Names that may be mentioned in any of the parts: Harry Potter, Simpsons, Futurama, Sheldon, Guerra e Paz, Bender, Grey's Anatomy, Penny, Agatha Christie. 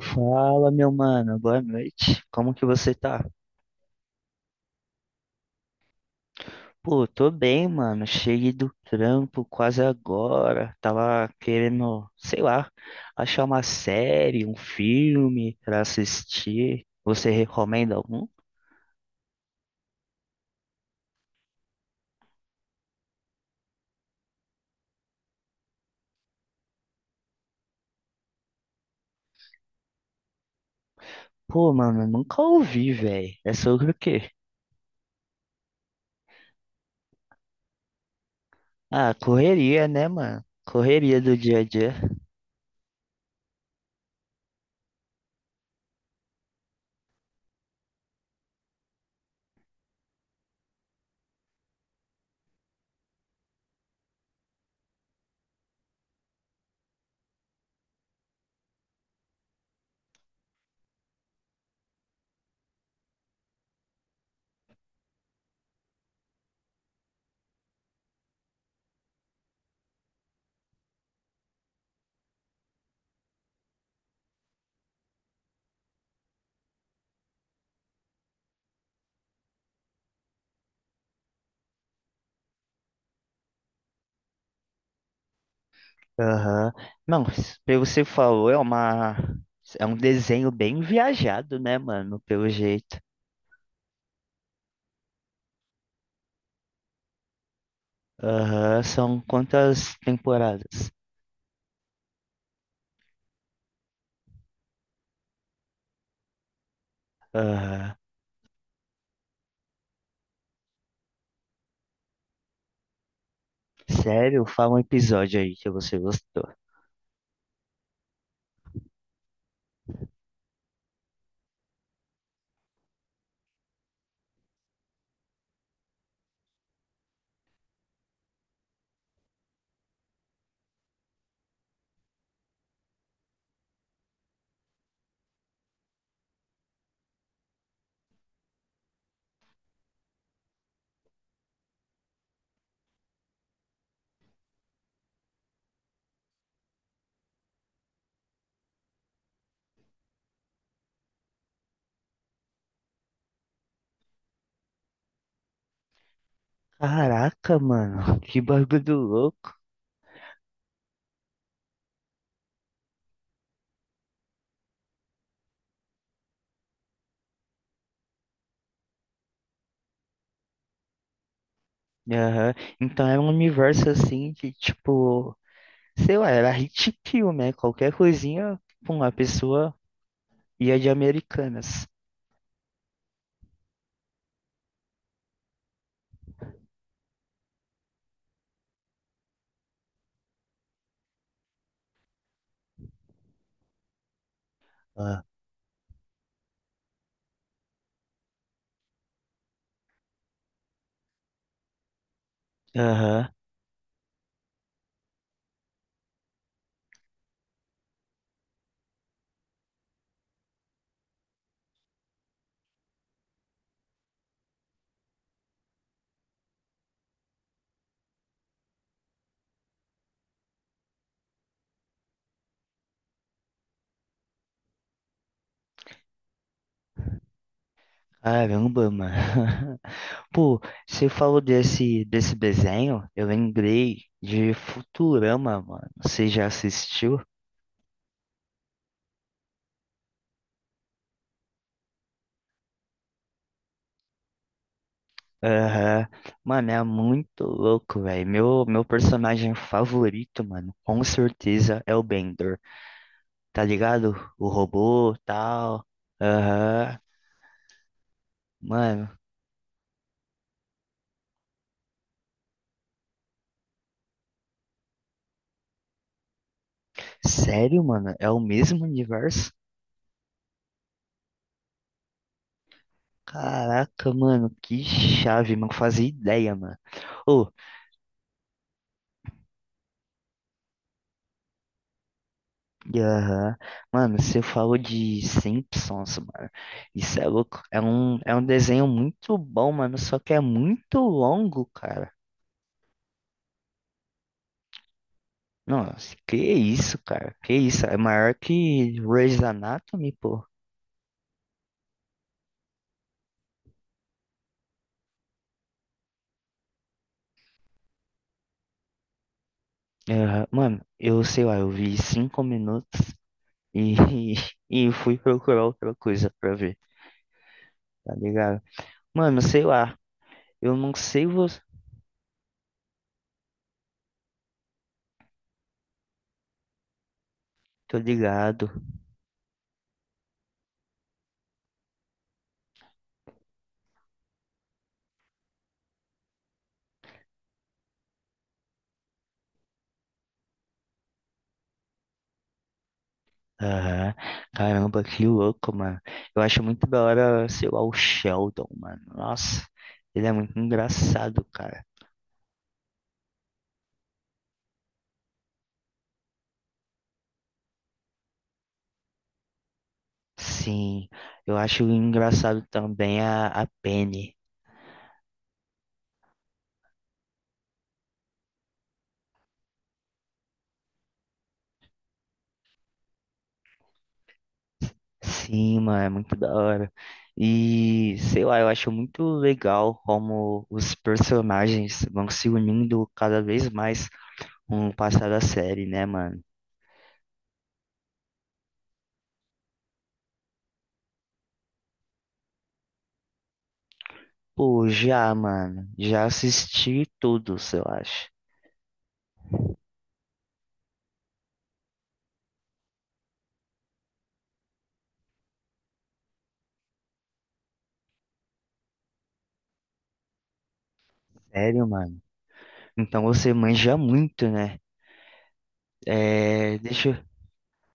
Fala, meu mano, boa noite. Como que você tá? Pô, tô bem, mano. Cheguei do trampo quase agora. Tava querendo, sei lá, achar uma série, um filme pra assistir. Você recomenda algum? Pô, mano, eu nunca ouvi, velho. É sobre o quê? Ah, correria, né, mano? Correria do dia a dia. Aham. Não, pelo que você falou, é uma. é um desenho bem viajado, né, mano? Pelo jeito. Aham, são quantas temporadas? Aham. Sério? Fala um episódio aí que você gostou. Caraca, mano, que bagulho louco. Aham. Então era um universo assim que, tipo, sei lá, era hit kill, né? Qualquer coisinha, pum, a pessoa ia de Americanas. Ah. Aham. Caramba, mano. Pô, você falou desse desenho, eu lembrei de Futurama, mano. Você já assistiu? Aham. Mano, é muito louco, velho. Meu personagem favorito, mano, com certeza é o Bender. Tá ligado? O robô, tal. Aham. Mano, sério, mano? É o mesmo universo? Caraca, mano, que chave, não fazia ideia, mano. Ô, E, aham. Mano, você falou de Simpsons, mano. Isso é louco. É um desenho muito bom, mano. Só que é muito longo, cara. Nossa, que isso, cara? Que isso? É maior que Grey's Anatomy, pô. Aham. Mano, eu sei lá, eu vi 5 minutos e, e fui procurar outra coisa pra ver, tá ligado? Mano, sei lá. Eu não sei você. Tô ligado. Aham. Caramba, que louco, mano. Eu acho muito da hora, sei lá, o Sheldon, mano. Nossa, ele é muito engraçado, cara. Sim, eu acho engraçado também a Penny. Sim, mano, é muito da hora. E, sei lá, eu acho muito legal como os personagens vão se unindo cada vez mais com o passar da série, né, mano? Pô, já, mano, já assisti todos, eu acho. Sério, mano. Então você manja muito, né? É, deixa, eu-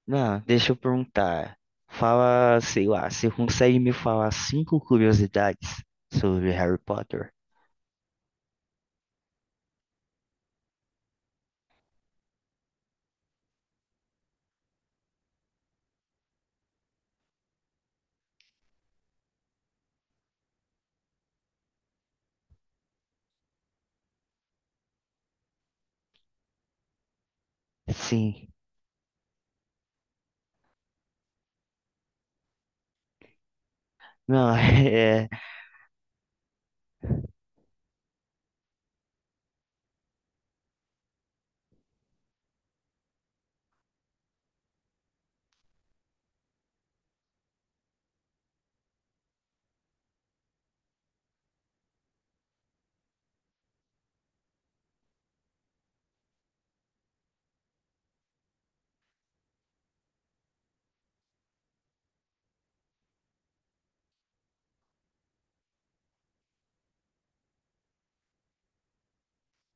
não, deixa eu perguntar. Fala, sei lá, você consegue me falar cinco curiosidades sobre Harry Potter? Sim. Não, é.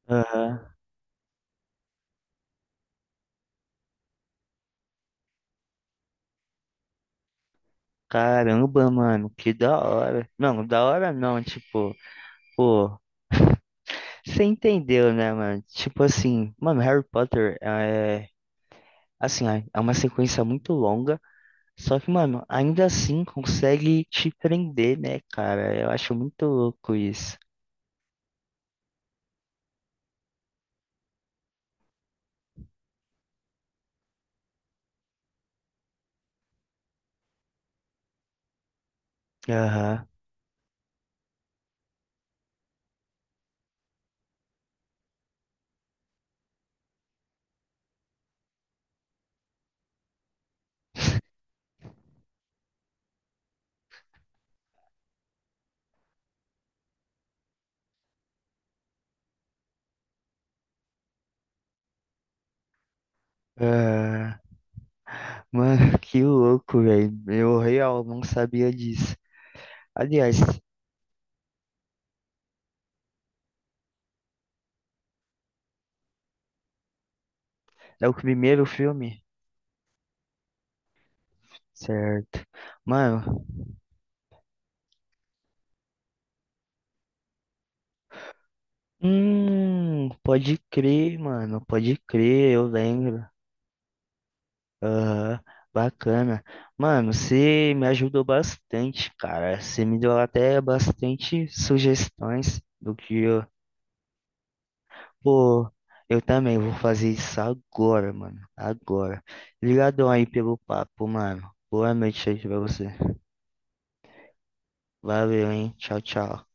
Aham. Caramba, mano, que da hora. Não, da hora não, tipo, pô, você entendeu, né, mano? Tipo assim, mano, Harry Potter é, assim, é uma sequência muito longa. Só que, mano, ainda assim consegue te prender, né, cara? Eu acho muito louco isso. Aham. Ah, mano, que louco, velho. Eu real não sabia disso. Aliás, é o primeiro filme? Certo. Mano, pode crer, mano, pode crer, eu lembro. Aham, bacana. Mano, você me ajudou bastante, cara. Você me deu até bastante sugestões do que. Pô, eu também vou fazer isso agora, mano. Agora. Obrigadão aí pelo papo, mano. Boa noite aí pra você. Valeu, hein? Tchau, tchau.